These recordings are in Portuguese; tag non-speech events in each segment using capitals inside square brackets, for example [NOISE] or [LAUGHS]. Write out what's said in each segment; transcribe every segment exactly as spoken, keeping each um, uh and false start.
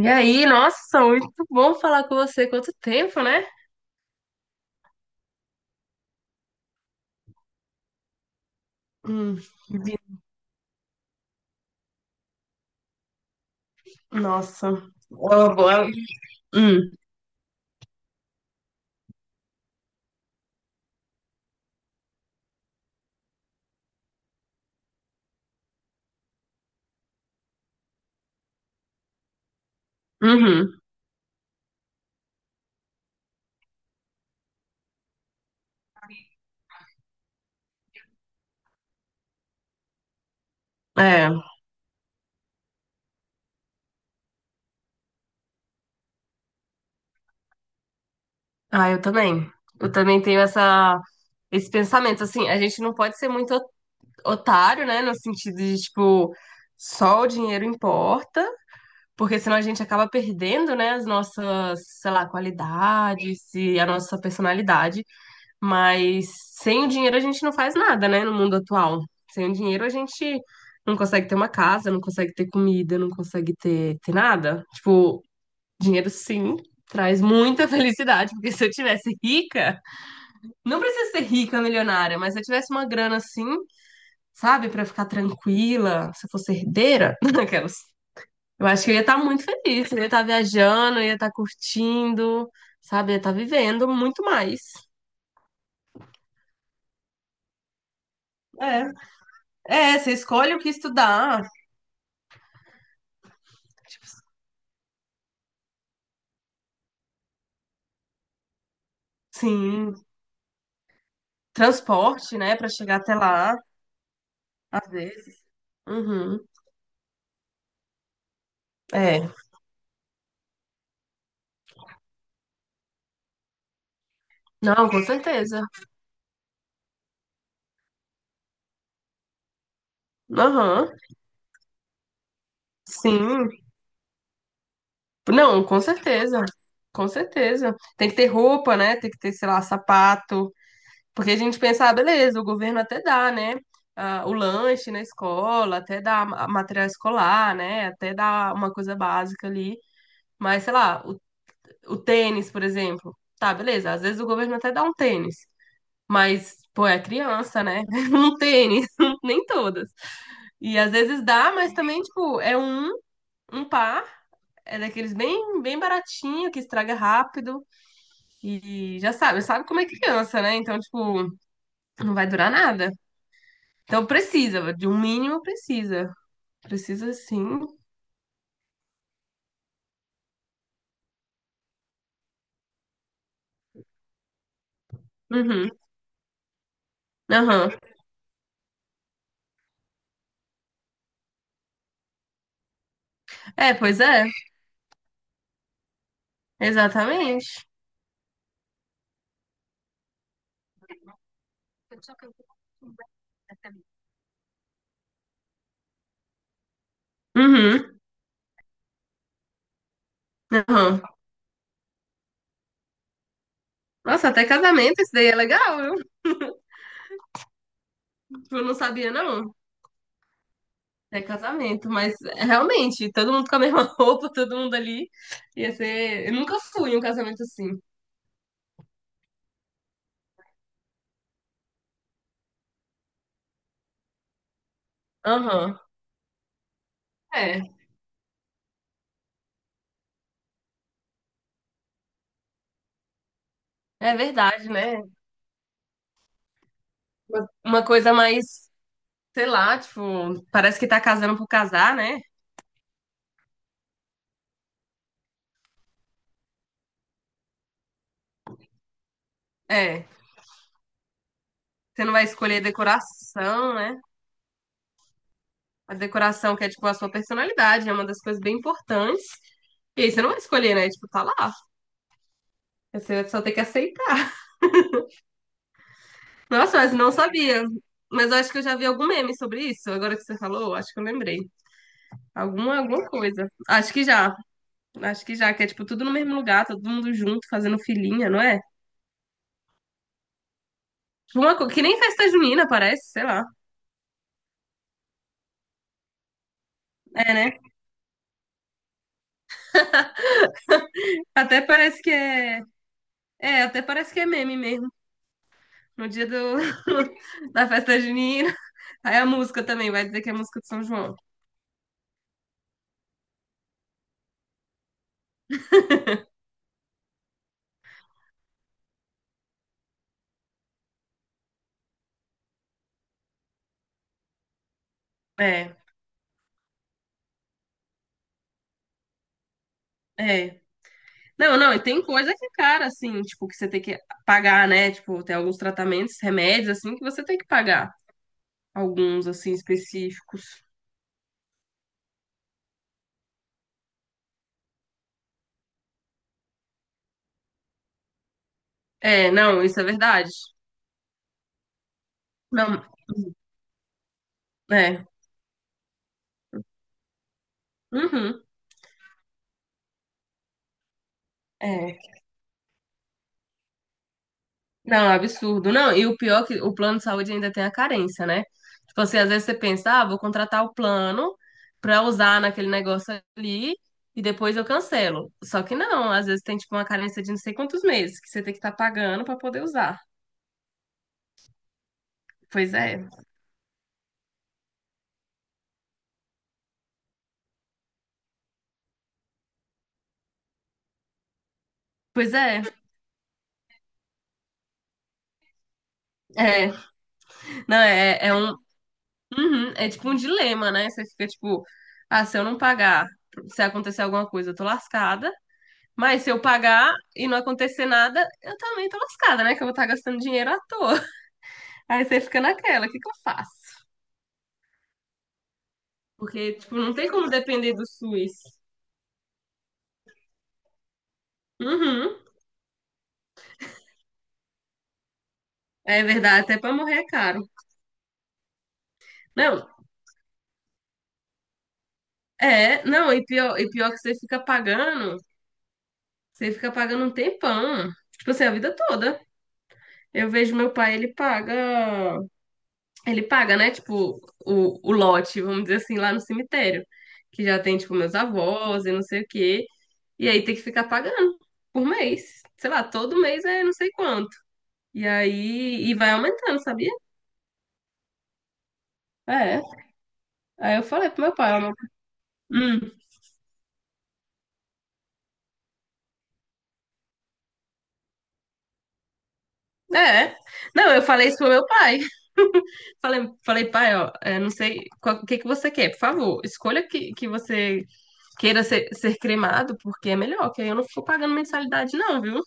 E aí, nossa, muito bom falar com você. Quanto tempo, né? Hum, vi- nossa. Ó, boa- Hum, uhum, é. Ah, eu também. Eu também tenho essa, esse pensamento, assim, a gente não pode ser muito ot- otário, né? No sentido de, tipo, só o dinheiro importa, porque senão a gente acaba perdendo, né, as nossas, sei lá, qualidades e a nossa personalidade. Mas sem o dinheiro a gente não faz nada, né, no mundo atual. Sem o dinheiro a gente não consegue ter uma casa, não consegue ter comida, não consegue ter, ter nada. Tipo, dinheiro sim traz muita [LAUGHS] felicidade, porque se eu tivesse rica, não precisa ser rica, milionária, mas se eu tivesse uma grana assim, sabe, pra ficar tranquila, se eu fosse herdeira, [LAUGHS] aquelas. Eu acho que eu ia estar muito feliz, eu ia estar viajando, eu ia estar curtindo, sabe, eu ia estar vivendo muito mais. É, é, você escolhe o que estudar. Tipo, sim, transporte, né, pra chegar até lá, às vezes. Uhum. É. Não, com certeza. Aham. Sim. Não, com certeza. Com certeza. Tem que ter roupa, né? Tem que ter, sei lá, sapato. Porque a gente pensa, ah, beleza, o governo até dá, né? Ah, o lanche na escola, até dá ma- material escolar, né? Até dá uma coisa básica ali. Mas, sei lá, o, o tênis, por exemplo. Tá, beleza. Às vezes o governo até dá um tênis. Mas, pô, é criança, né? [LAUGHS] Um tênis, [LAUGHS] nem todas. E às vezes dá, mas também, tipo, é um, um par, é daqueles bem, bem baratinho, que estraga rápido. E já sabe, sabe como é criança, né? Então, tipo, não vai durar nada. Então precisa, de um mínimo precisa. Precisa sim. Uhum. Aham. É, pois é, exatamente. Uhum. Aham. Nossa, até casamento esse daí é legal, viu? Tipo, eu não sabia, não. É casamento, mas é, realmente, todo mundo com a mesma [LAUGHS] roupa, todo mundo ali. Ia ser. Eu nunca fui em um casamento assim. Aham. É, é verdade, né? Uma uma coisa mais, sei lá, tipo, parece que tá casando por casar, né? É. Você não vai escolher decoração, né? A decoração que é, tipo, a sua personalidade, é uma das coisas bem importantes. E aí você não vai escolher, né? Tipo, tá lá. Você só tem que aceitar. [LAUGHS] Nossa, mas não sabia. Mas eu acho que eu já vi algum meme sobre isso. Agora que você falou, acho que eu lembrei. Alguma, alguma coisa. Acho que já. Acho que já, que é tipo tudo no mesmo lugar, todo mundo junto, fazendo filinha, não é? Tipo, Uma, co- que nem festa junina, parece, sei lá. É, né? Até parece que é. É, até parece que é meme mesmo. No dia do... [LAUGHS] da festa junina. Aí a música também, vai dizer que é a música de São João. É, é. Não, não, e tem coisa que, é cara, assim, tipo, que você tem que pagar, né? Tipo, tem alguns tratamentos, remédios, assim, que você tem que pagar. Alguns, assim, específicos. É, não, isso é verdade. Não, é. Uhum. É. Não, é absurdo. Não, e o pior é que o plano de saúde ainda tem a carência, né? Tipo assim, às vezes você pensa, ah, vou contratar o plano pra usar naquele negócio ali e depois eu cancelo. Só que não, às vezes tem tipo uma carência de não sei quantos meses que você tem que estar pagando pra poder usar. Pois é. Pois é. É. Não, é, é um. Uhum, é tipo um dilema, né? Você fica tipo, ah, se eu não pagar, se acontecer alguma coisa, eu tô lascada. Mas se eu pagar e não acontecer nada, eu também tô lascada, né? Que eu vou estar gastando dinheiro à toa. [LAUGHS] Aí você fica naquela, o que que eu faço? Porque, tipo, não tem como depender do SUS. Uhum. É verdade, até pra morrer é caro. Não, é, não, e pior, e pior que você fica pagando, você fica pagando um tempão. Tipo assim, a vida toda. Eu vejo meu pai, ele paga. Ele paga, né? Tipo, o, o lote, vamos dizer assim, lá no cemitério. Que já tem, tipo, meus avós e não sei o quê. E aí tem que ficar pagando por mês. Sei lá, todo mês é não sei quanto. E aí, e vai aumentando, sabia? É. Aí eu falei pro meu pai, ó, meu- hum, é. Não, eu falei isso pro meu pai. [LAUGHS] Falei, falei, pai, ó, é, não sei qual- o que que você quer, por favor. Escolha que, que você queira ser, ser cremado, porque é melhor, que aí eu não fico pagando mensalidade, não, viu?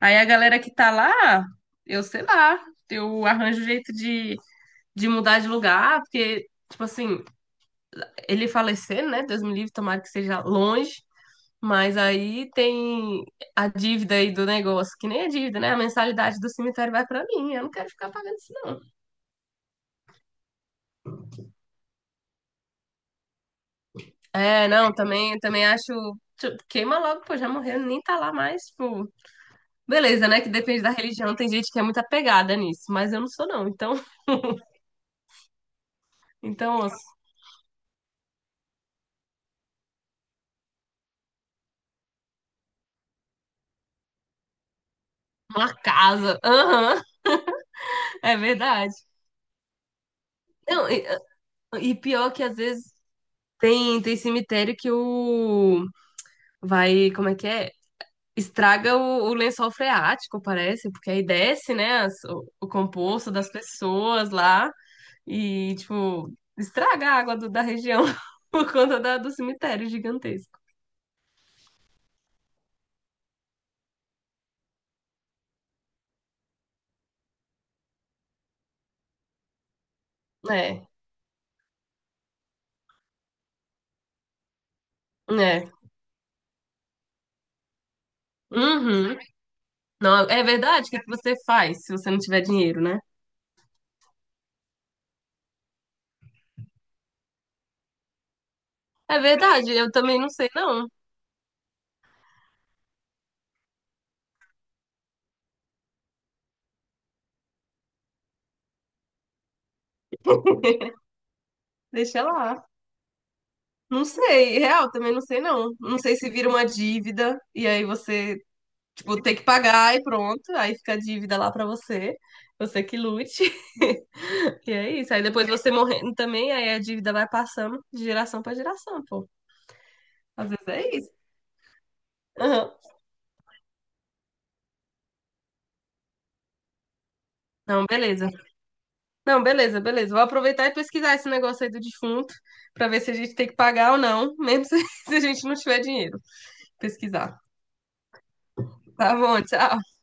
Aí a galera que tá lá, eu sei lá, eu arranjo jeito de, de mudar de lugar, porque, tipo assim, ele falecer, né? Deus me livre, tomara que seja longe. Mas aí tem a dívida aí do negócio, que nem a dívida, né? A mensalidade do cemitério vai pra mim, eu não quero ficar pagando isso, não. É, não, também, também acho. Tipo, queima logo, pô, já morreu, nem tá lá mais, tipo. Beleza, né? Que depende da religião, tem gente que é muito apegada nisso, mas eu não sou, não. Então, então, uma casa. Aham. É verdade. Não, e, e pior que às vezes tem, tem cemitério que o vai, como é que é? Estraga o, o lençol freático, parece, porque aí desce, né, as- o, o composto das pessoas lá e, tipo, estraga a água do- da região [LAUGHS] por conta da- do cemitério gigantesco. É, é. Uhum. Não, é verdade? O que que você faz se você não tiver dinheiro, né? É verdade, eu também não sei, não. [LAUGHS] Deixa lá. Não sei, real, também não sei não. Não sei se vira uma dívida e aí você, tipo, tem que pagar e pronto, aí fica a dívida lá pra você. Você que lute. [LAUGHS] E é isso. Aí depois você morrendo também, aí a dívida vai passando de geração pra geração, pô. Às vezes é isso. Aham. Não, beleza. Não, beleza, beleza. Vou aproveitar e pesquisar esse negócio aí do defunto pra ver se a gente tem que pagar ou não, mesmo [LAUGHS] se se a gente não tiver dinheiro. Pesquisar. Tá bom, tchau.